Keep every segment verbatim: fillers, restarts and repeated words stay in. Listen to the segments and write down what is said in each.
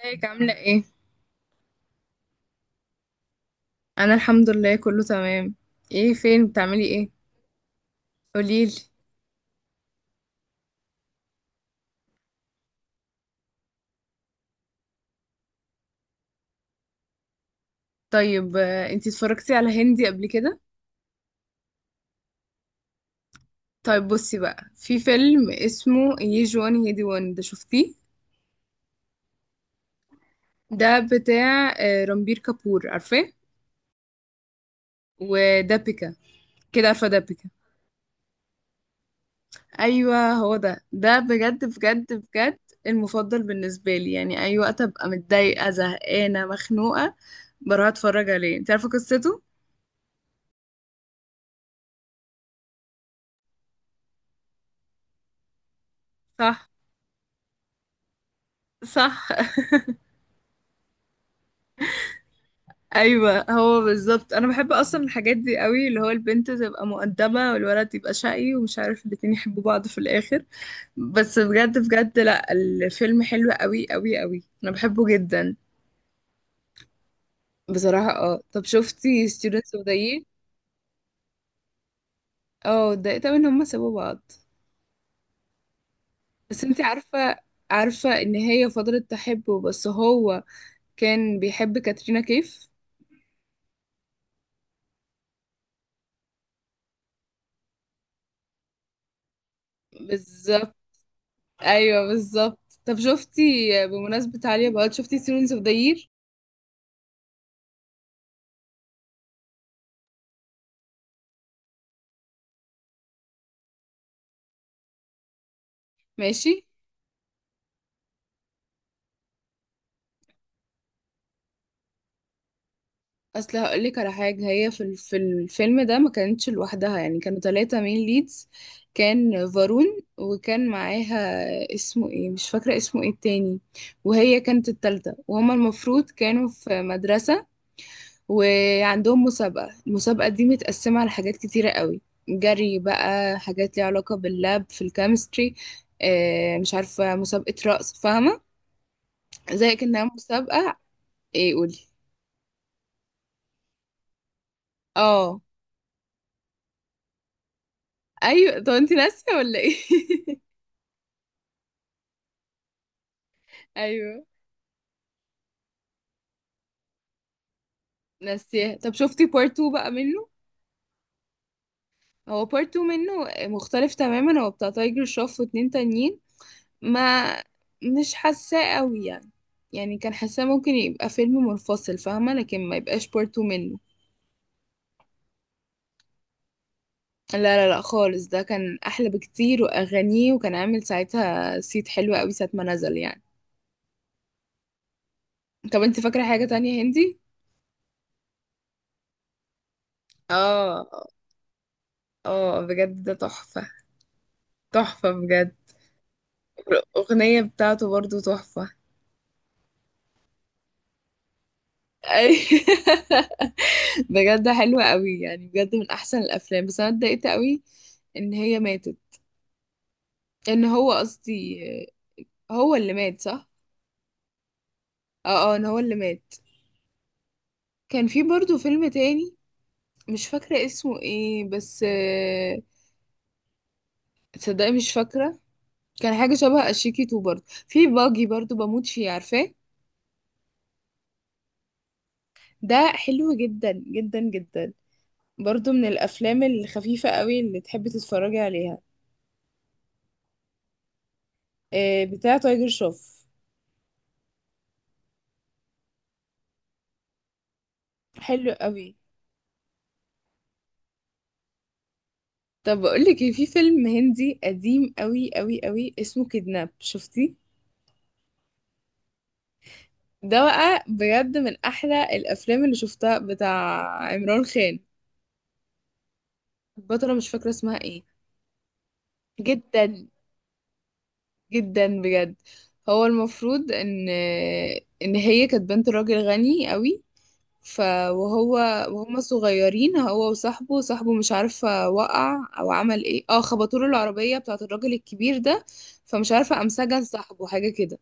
ازيك عاملة ايه؟ أنا الحمد لله كله تمام. ايه فين بتعملي ايه؟ قوليلي. طيب، آه، انتي اتفرجتي على هندي قبل كده؟ طيب بصي بقى، في فيلم اسمه يي جوان هي دي وان، ده شفتيه؟ ده بتاع آه، رامبير كابور، عارفاه؟ ودابيكا، كده عارفة دابيكا. أيوة هو ده ده بجد بجد بجد المفضل بالنسبة لي. يعني أي وقت أبقى متضايقة زهقانة مخنوقة بروح أتفرج عليه. انتي عارفة قصته؟ صح. صح. ايوه هو بالظبط. انا بحب اصلا الحاجات دي قوي، اللي هو البنت تبقى مؤدبه والولد يبقى شقي ومش عارف، الاتنين يحبوا بعض في الاخر. بس بجد بجد، لا الفيلم حلو قوي قوي قوي، انا بحبه جدا. بصراحه اه، طب شفتي students of the year؟ اه اتضايقت أوي ان هما سابوا بعض. بس انتي عارفه، عارفه ان هي فضلت تحبه، بس هو كان بيحب كاترينا كيف. بالظبط. ايوه بالظبط. طب شفتي، بمناسبه عالية بقى، شفتي students of the year؟ ماشي. اصل هقولك على حاجه، هي في ال- في الفيلم ده ما كانتش لوحدها. يعني كانوا ثلاثة مين ليدز. كان فارون، وكان معاها، اسمه ايه مش فاكره اسمه ايه التاني. وهي كانت الثالثه، وهما المفروض كانوا في مدرسه وعندهم مسابقه. المسابقه دي متقسمه على حاجات كتيره قوي. جري بقى، حاجات ليها علاقه باللاب في الكيمستري، آه، مش عارفه، مسابقه رقص، فاهمه؟ زي كانها مسابقه. ايه قولي. اه ايوه. طب انت ناسيه ولا ايه؟ ايوه ناسياه. طب شفتي بارت تو بقى منه؟ هو بارت تو منه مختلف تماما، هو بتاع تايجر شروف واتنين تانيين. ما مش حاساه قوي يعني. يعني كان حاساه ممكن يبقى فيلم منفصل، فاهمه؟ لكن ما يبقاش بارت تو منه. لا لا لا خالص، ده كان احلى بكتير واغانيه، وكان عامل ساعتها صيت حلو قوي ساعه ما نزل يعني. طب انت فاكره حاجه تانية هندي؟ اه اه بجد ده تحفه، تحفه بجد. الأغنية بتاعته برضو تحفة. أي- بجد حلوة قوي يعني، بجد من احسن الافلام، بس انا اتضايقت قوي ان هي ماتت، ان هو قصدي، هو اللي مات صح؟ اه اه ان هو اللي مات. كان في برضو فيلم تاني، مش فاكرة اسمه ايه بس، آه، تصدقي مش فاكرة. كان حاجة شبه اشيكي تو برضو، في باجي برضو بموت فيه، عارفاه؟ ده حلو جدا جدا جدا. برضو من الافلام الخفيفة قوي اللي تحبي تتفرجي عليها. آه، بتاع تايجر شوف. حلو قوي. طب بقول لك إيه، في فيلم هندي قديم قوي قوي قوي اسمه كيدناب، شفتي؟ ده بقى بجد من احلى الافلام اللي شفتها، بتاع عمران خان. البطلة مش فاكرة اسمها ايه. جدا. جدا بجد. هو المفروض ان ان هي كانت بنت راجل غني قوي. ف وهو وهما صغيرين، هو وصاحبه، صاحبه مش عارفة وقع او عمل ايه، اه خبطوا له العربية بتاعة الراجل الكبير ده. فمش عارفة قام سجن صاحبه حاجة كده.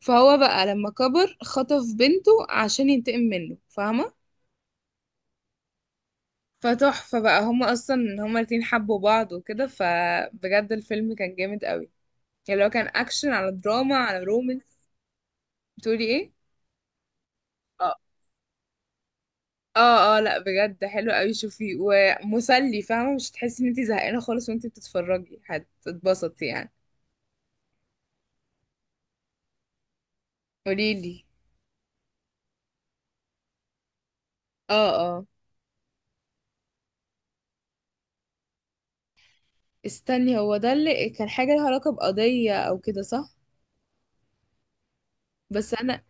فهو بقى لما كبر خطف بنته عشان ينتقم منه، فاهمة؟ فتحفة بقى، هما اصلا هما الاتنين حبوا بعض وكده، فبجد الفيلم كان جامد قوي، يعني لو كان اكشن على دراما على رومانس. بتقولي ايه؟ اه اه، لا بجد حلو قوي، شوفي ومسلي، فاهمة؟ مش هتحسي ان انتي زهقانة خالص، وانتي بتتفرجي هتتبسطي يعني. قوليلي. اه اه. استني، هو ده اللي كان حاجة لها علاقة بقضية او كده صح؟ بس انا،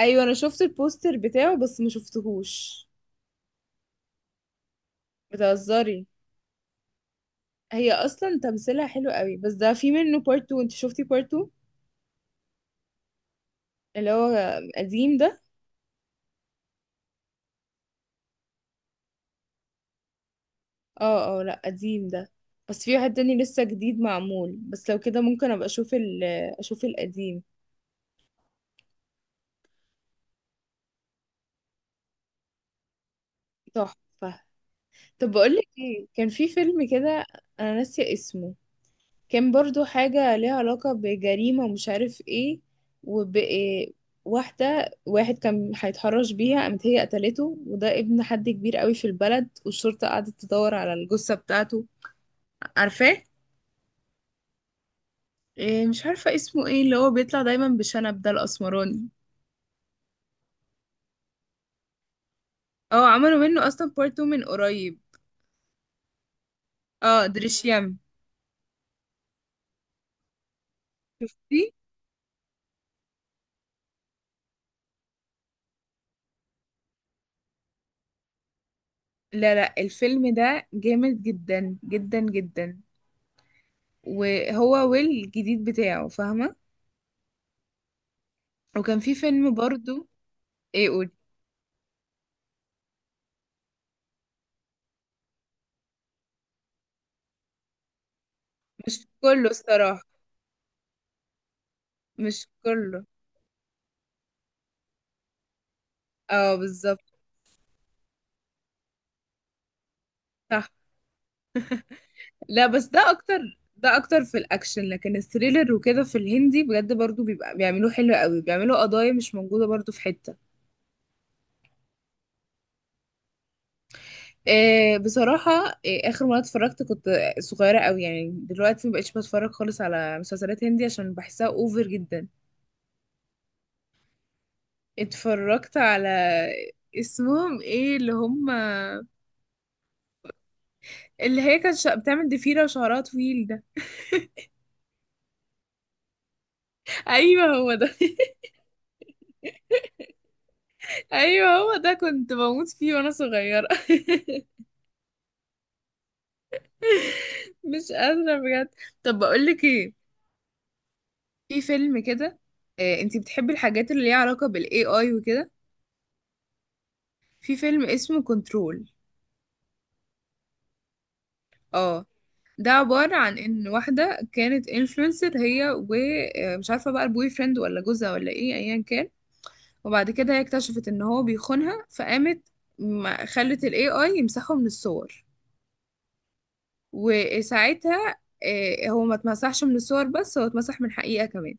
ايوه انا شفت البوستر بتاعه بس ما شفتهوش. بتهزري؟ هي اصلا تمثيلها حلو قوي، بس ده في منه بارت تو، انت شفتي بارت اتنين اللي هو قديم ده؟ اه اه لا قديم ده، بس في واحد تاني لسه جديد معمول، بس لو كده ممكن ابقى اشوف ال اشوف القديم. تحفة. طب بقولك ايه، كان في فيلم كده، انا ناسية اسمه، كان برضو حاجة ليها علاقة بجريمة ومش عارف ايه، وب إيه، واحدة واحد كان هيتحرش بيها قامت هي قتلته، وده ابن حد كبير قوي في البلد، والشرطة قعدت تدور على الجثة بتاعته، عارفاه؟ إيه مش عارفة اسمه ايه، اللي هو بيطلع دايما بشنب ده الأسمراني. اه عملوا منه اصلا بارت تو من قريب. اه دريشيام. شفتيه؟ لا لا الفيلم ده جامد جدا جدا جدا، وهو ويل الجديد بتاعه فاهمة؟ وكان في فيلم برضو. ايه قول. مش كله الصراحة. مش كله. اه بالظبط. صح. لا بس ده اكتر، ده اكتر في الاكشن، لكن الثريلر وكده في الهندي بجد برضو بيبقى بيعملوه حلو قوي، بيعملوا قضايا مش موجودة برضو في حتة. إيه بصراحة، إيه آخر مرة اتفرجت كنت صغيرة قوي، يعني دلوقتي مبقتش بتفرج خالص على مسلسلات هندي عشان بحسها اوفر جدا. اتفرجت على، اسمهم ايه اللي هم، اللي هي كانت شا- بتعمل ضفيرة وشعرها طويل ده. ايوه هو ده. ايوه هو ده، كنت بموت فيه وانا صغيرة. مش قادرة بجد. طب بقولك ايه، في فيلم كده، آه، انتي بتحبي الحاجات اللي ليها علاقة بالاي اي وكده؟ في فيلم اسمه كنترول. اه. ده عبارة عن ان واحدة كانت انفلونسر هي، ومش عارفة بقى البوي فريند ولا جوزها ولا ايه ايا كان. وبعد كده هي اكتشفت ان هو بيخونها، فقامت ما- خلت الاي اي يمسحه من الصور. وساعتها آه، هو ما اتمسحش من الصور، بس هو اتمسح من حقيقة كمان.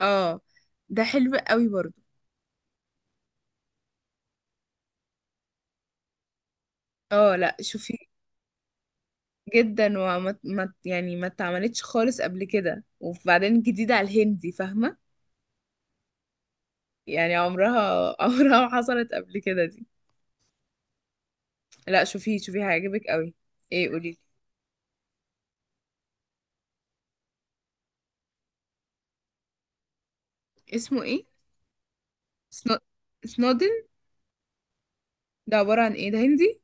اه. ده حلو قوي برضو. اه لا شوفي. جدا، وما ما يعني ما اتعملتش خالص قبل كده، وبعدين جديدة على الهندي فاهمة؟ يعني عمرها عمرها ما حصلت قبل كده دي. لا شوفيه شوفيه هيعجبك قوي. ايه قولي. اسمه ايه؟ سنو... سنودن. ده عبارة عن ايه؟ ده هندي؟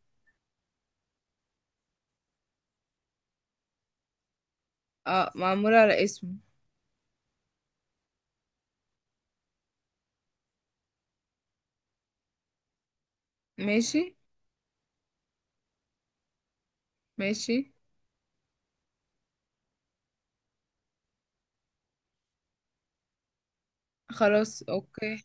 اه معمولة على اسمه. ماشي. ماشي. خلاص اوكي.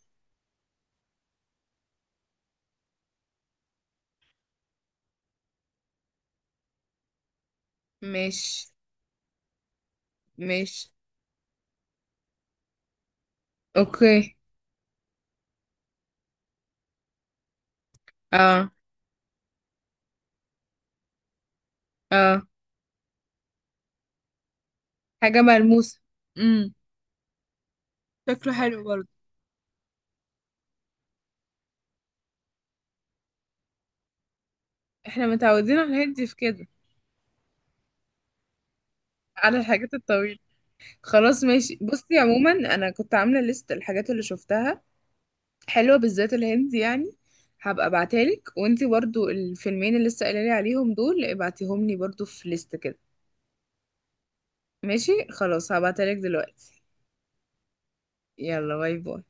ماشي. ماشي. اوكي. اه اه. حاجة ملموسة. امم. شكله حلو برضه. احنا متعودين على الهندي في كده، على الحاجات الطويلة. خلاص ماشي، بصي عموما انا كنت عاملة ليست الحاجات اللي شفتها حلوة، بالذات الهندي يعني. هبقى ابعتهالك، وانتي برضو الفيلمين اللي لسه قايلالي عليهم دول ابعتيهم لي برضو في ليست كده. ماشي خلاص، هبعتهالك دلوقتي. يلا باي باي.